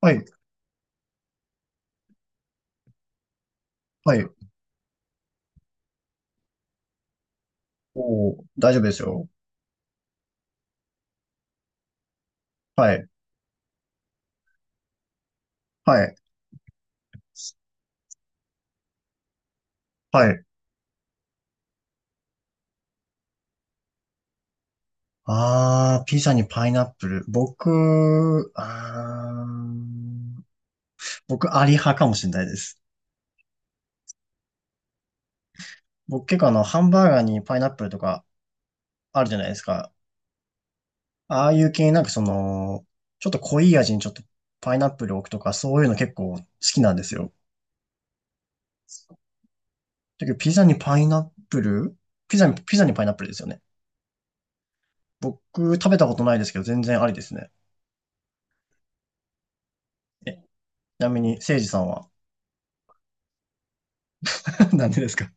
はい、はい。おー、大丈夫ですよ。はい、はい、はい。ピザにパイナップル。僕、あー、僕、アリ派かもしれないです。僕、結構ハンバーガーにパイナップルとかあるじゃないですか。ああいう系、なんかちょっと濃い味にちょっとパイナップルを置くとか、そういうの結構好きなんですよ。だけど、プルピザにパイナップルですよね。僕、食べたことないですけど、全然ありですね。え、ちなみに、せいじさんは？ なんでですか？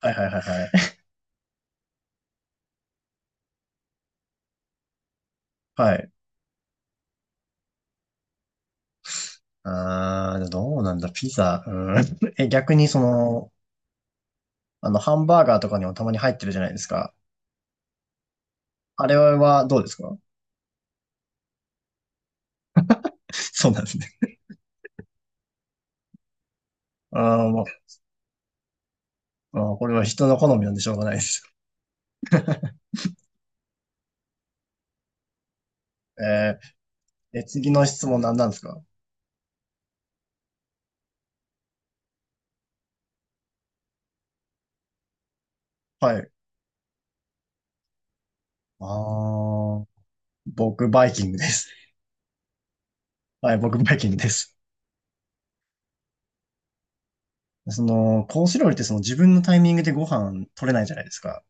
はいはいはいはい。はい。どうなんだ、ピザ。うん。え、逆にハンバーガーとかにもたまに入ってるじゃないですか。あれはどうですか？ そうなんですね。もう、これは人の好みなんでしょうがないです。ええ、次の質問何なんですか？はい。あー、僕、バイキングです。はい、僕、バイキングです。コース料理ってその自分のタイミングでご飯取れないじゃないですか。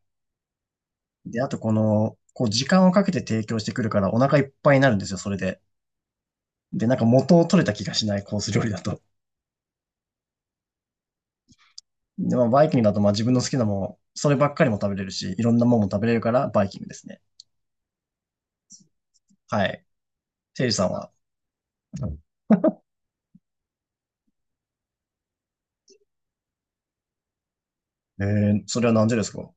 で、あとこう時間をかけて提供してくるからお腹いっぱいになるんですよ、それで。で、なんか元を取れた気がしないコース料理だと。で、まあ、バイキングだとまあ自分の好きなもん、そればっかりも食べれるし、いろんなもんも食べれるからバイキングですね。はい。せいじさんは。それはなんでですか？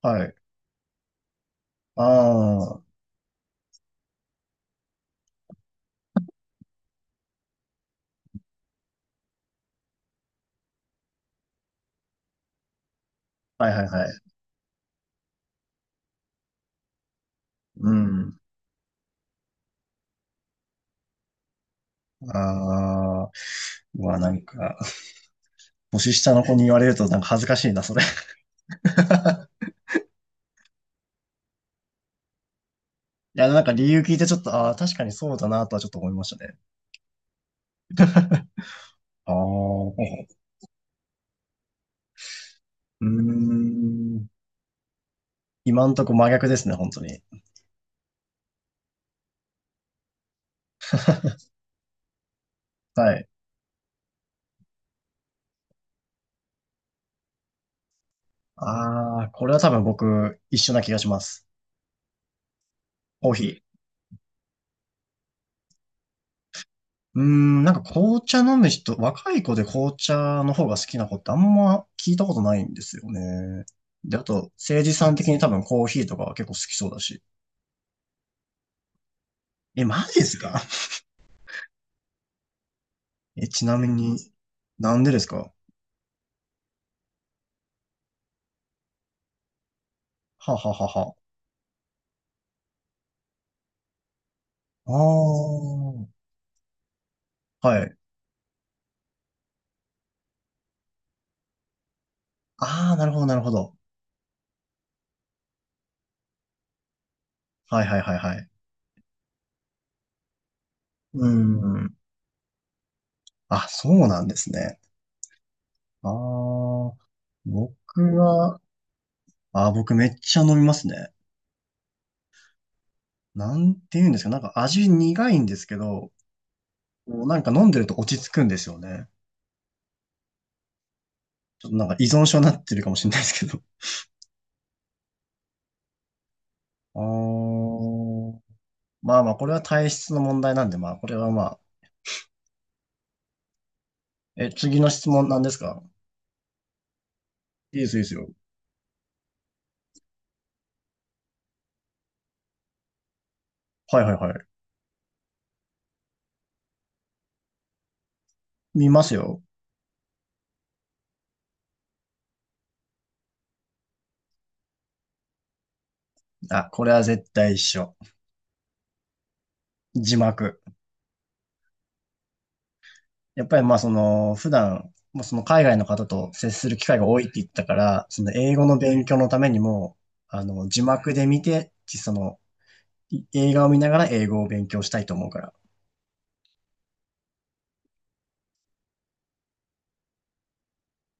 はい。ああ、はいはいはい。うん。ああ、うわ、なんか、年下の子に言われるとなんか恥ずかしいな、それ。いや、なんか理由聞いてちょっと、ああ、確かにそうだなとはちょっと思いましたね。ああ、うーん。今んとこ真逆ですね、本当に。はい。ああ、これは多分僕一緒な気がします。コーヒー。うーん、なんか紅茶飲む人、若い子で紅茶の方が好きな子ってあんま聞いたことないんですよね。で、あと、誠治さん的に多分コーヒーとかは結構好きそうだし。え、マジですか？ え、ちなみに、なんでですか？はあはあはあはあ。ああ、はい。ああ、なるほど、なるほど。はいはいはいはい。うーん。あ、そうなんですね。ああ、僕は、僕めっちゃ飲みますね。なんて言うんですか、なんか味苦いんですけど、もうなんか飲んでると落ち着くんですよね。ちょっとなんか依存症になってるかもしれないですけど。あー、まあまあ、これは体質の問題なんで、まあ、これはまあ。え、次の質問なんですか？いいです、いいですよ。はいはいはい。見ますよ。あ、これは絶対一緒。字幕。やっぱりまあ普段、まあその海外の方と接する機会が多いって言ったから、その英語の勉強のためにも、字幕で見て、い映画を見ながら英語を勉強したいと思うから。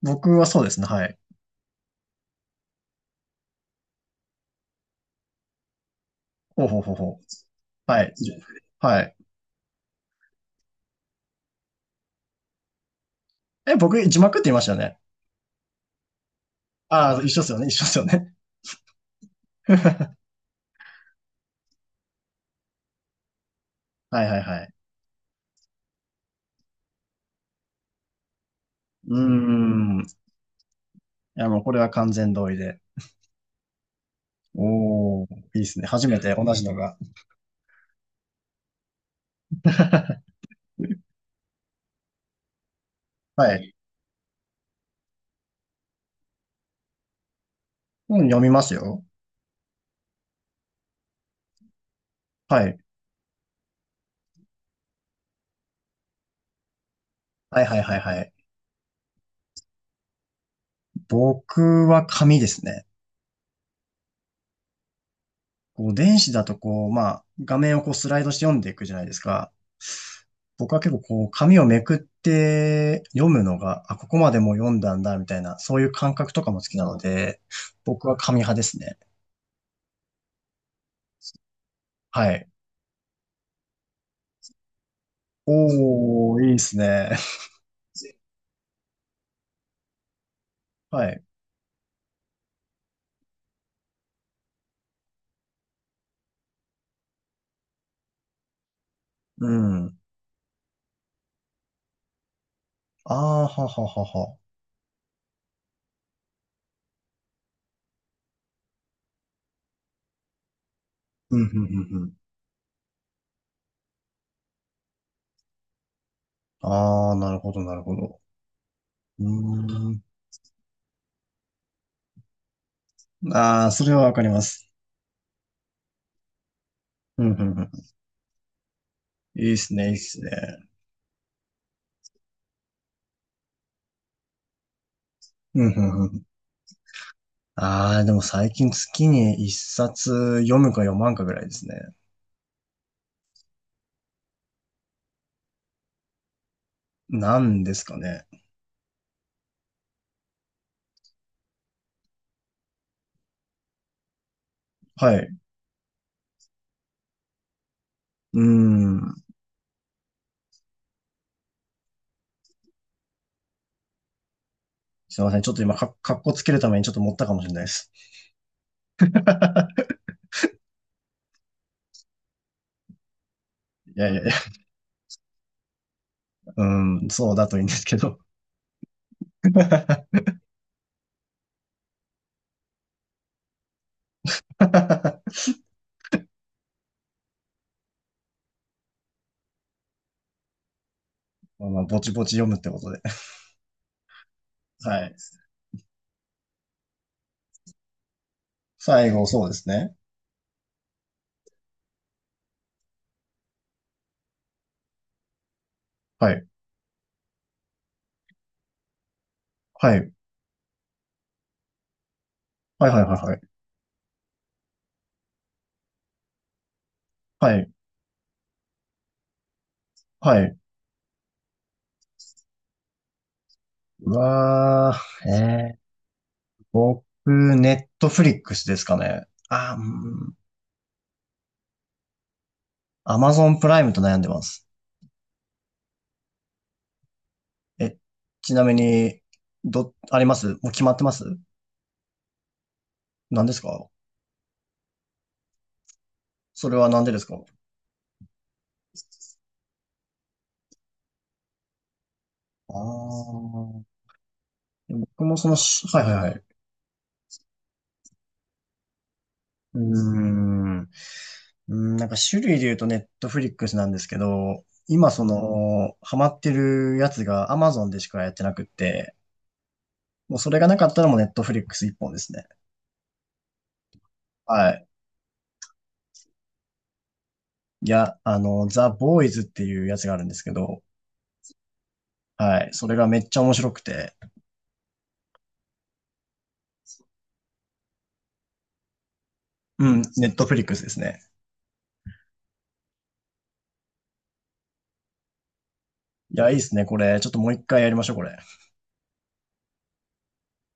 僕はそうですね、はい。ほうほうほうほう。はい。はい。え、僕、字幕って言いましたよね。ああ、一緒ですよね、一緒ですよね。はいはいはい。うーん。いや、もうこれは完全同意で。おー、いいですね。初めて同じのが。はい。うん、読みますよ。はい。はいはいはいはい。僕は紙ですね。こう電子だとこう、まあ、画面をこうスライドして読んでいくじゃないですか。僕は結構こう、紙をめくって読むのが、あ、ここまでもう読んだんだ、みたいな、そういう感覚とかも好きなので、僕は紙派ですね。はい。おー、いいですね。はい。うん。ああ、はははは。うん、うん、うん、うん。ああ、なるほど、なるほど。うーん。ああ、それはわかります。うん、うん、うん。いいですね、いいですね。うん、うん、うん。ああ、でも最近月に一冊読むか読まんかぐらいですね。なんですかね。はい。うーん。すいません。ちょっと今、かっこつけるためにちょっと持ったかもしれないです。いやいやいや。うん、そうだといいんですけど。まあまあ、ぼちぼち読むってことで。はい。最後、そうですね。はい。はい。はいはいはいはい。はい。はい。うわー、僕、ネットフリックスですかね。あー、うん。アマゾンプライムと悩んでます。え、ちなみに、あります？もう決まってます？何ですか？それは何でですかあ？あ僕もそのし、はいはいはい。うーん、うーんなんか種類で言うとネットフリックスなんですけど、今その、ハマってるやつが Amazon でしかやってなくって、もうそれがなかったらもうネットフリックス一本ですね。はい。いや、ザ・ボーイズっていうやつがあるんですけど、はい。それがめっちゃ面白くて、うん、ネットフリックスですね。いや、いいっすね、これ。ちょっともう一回やりましょう、これ。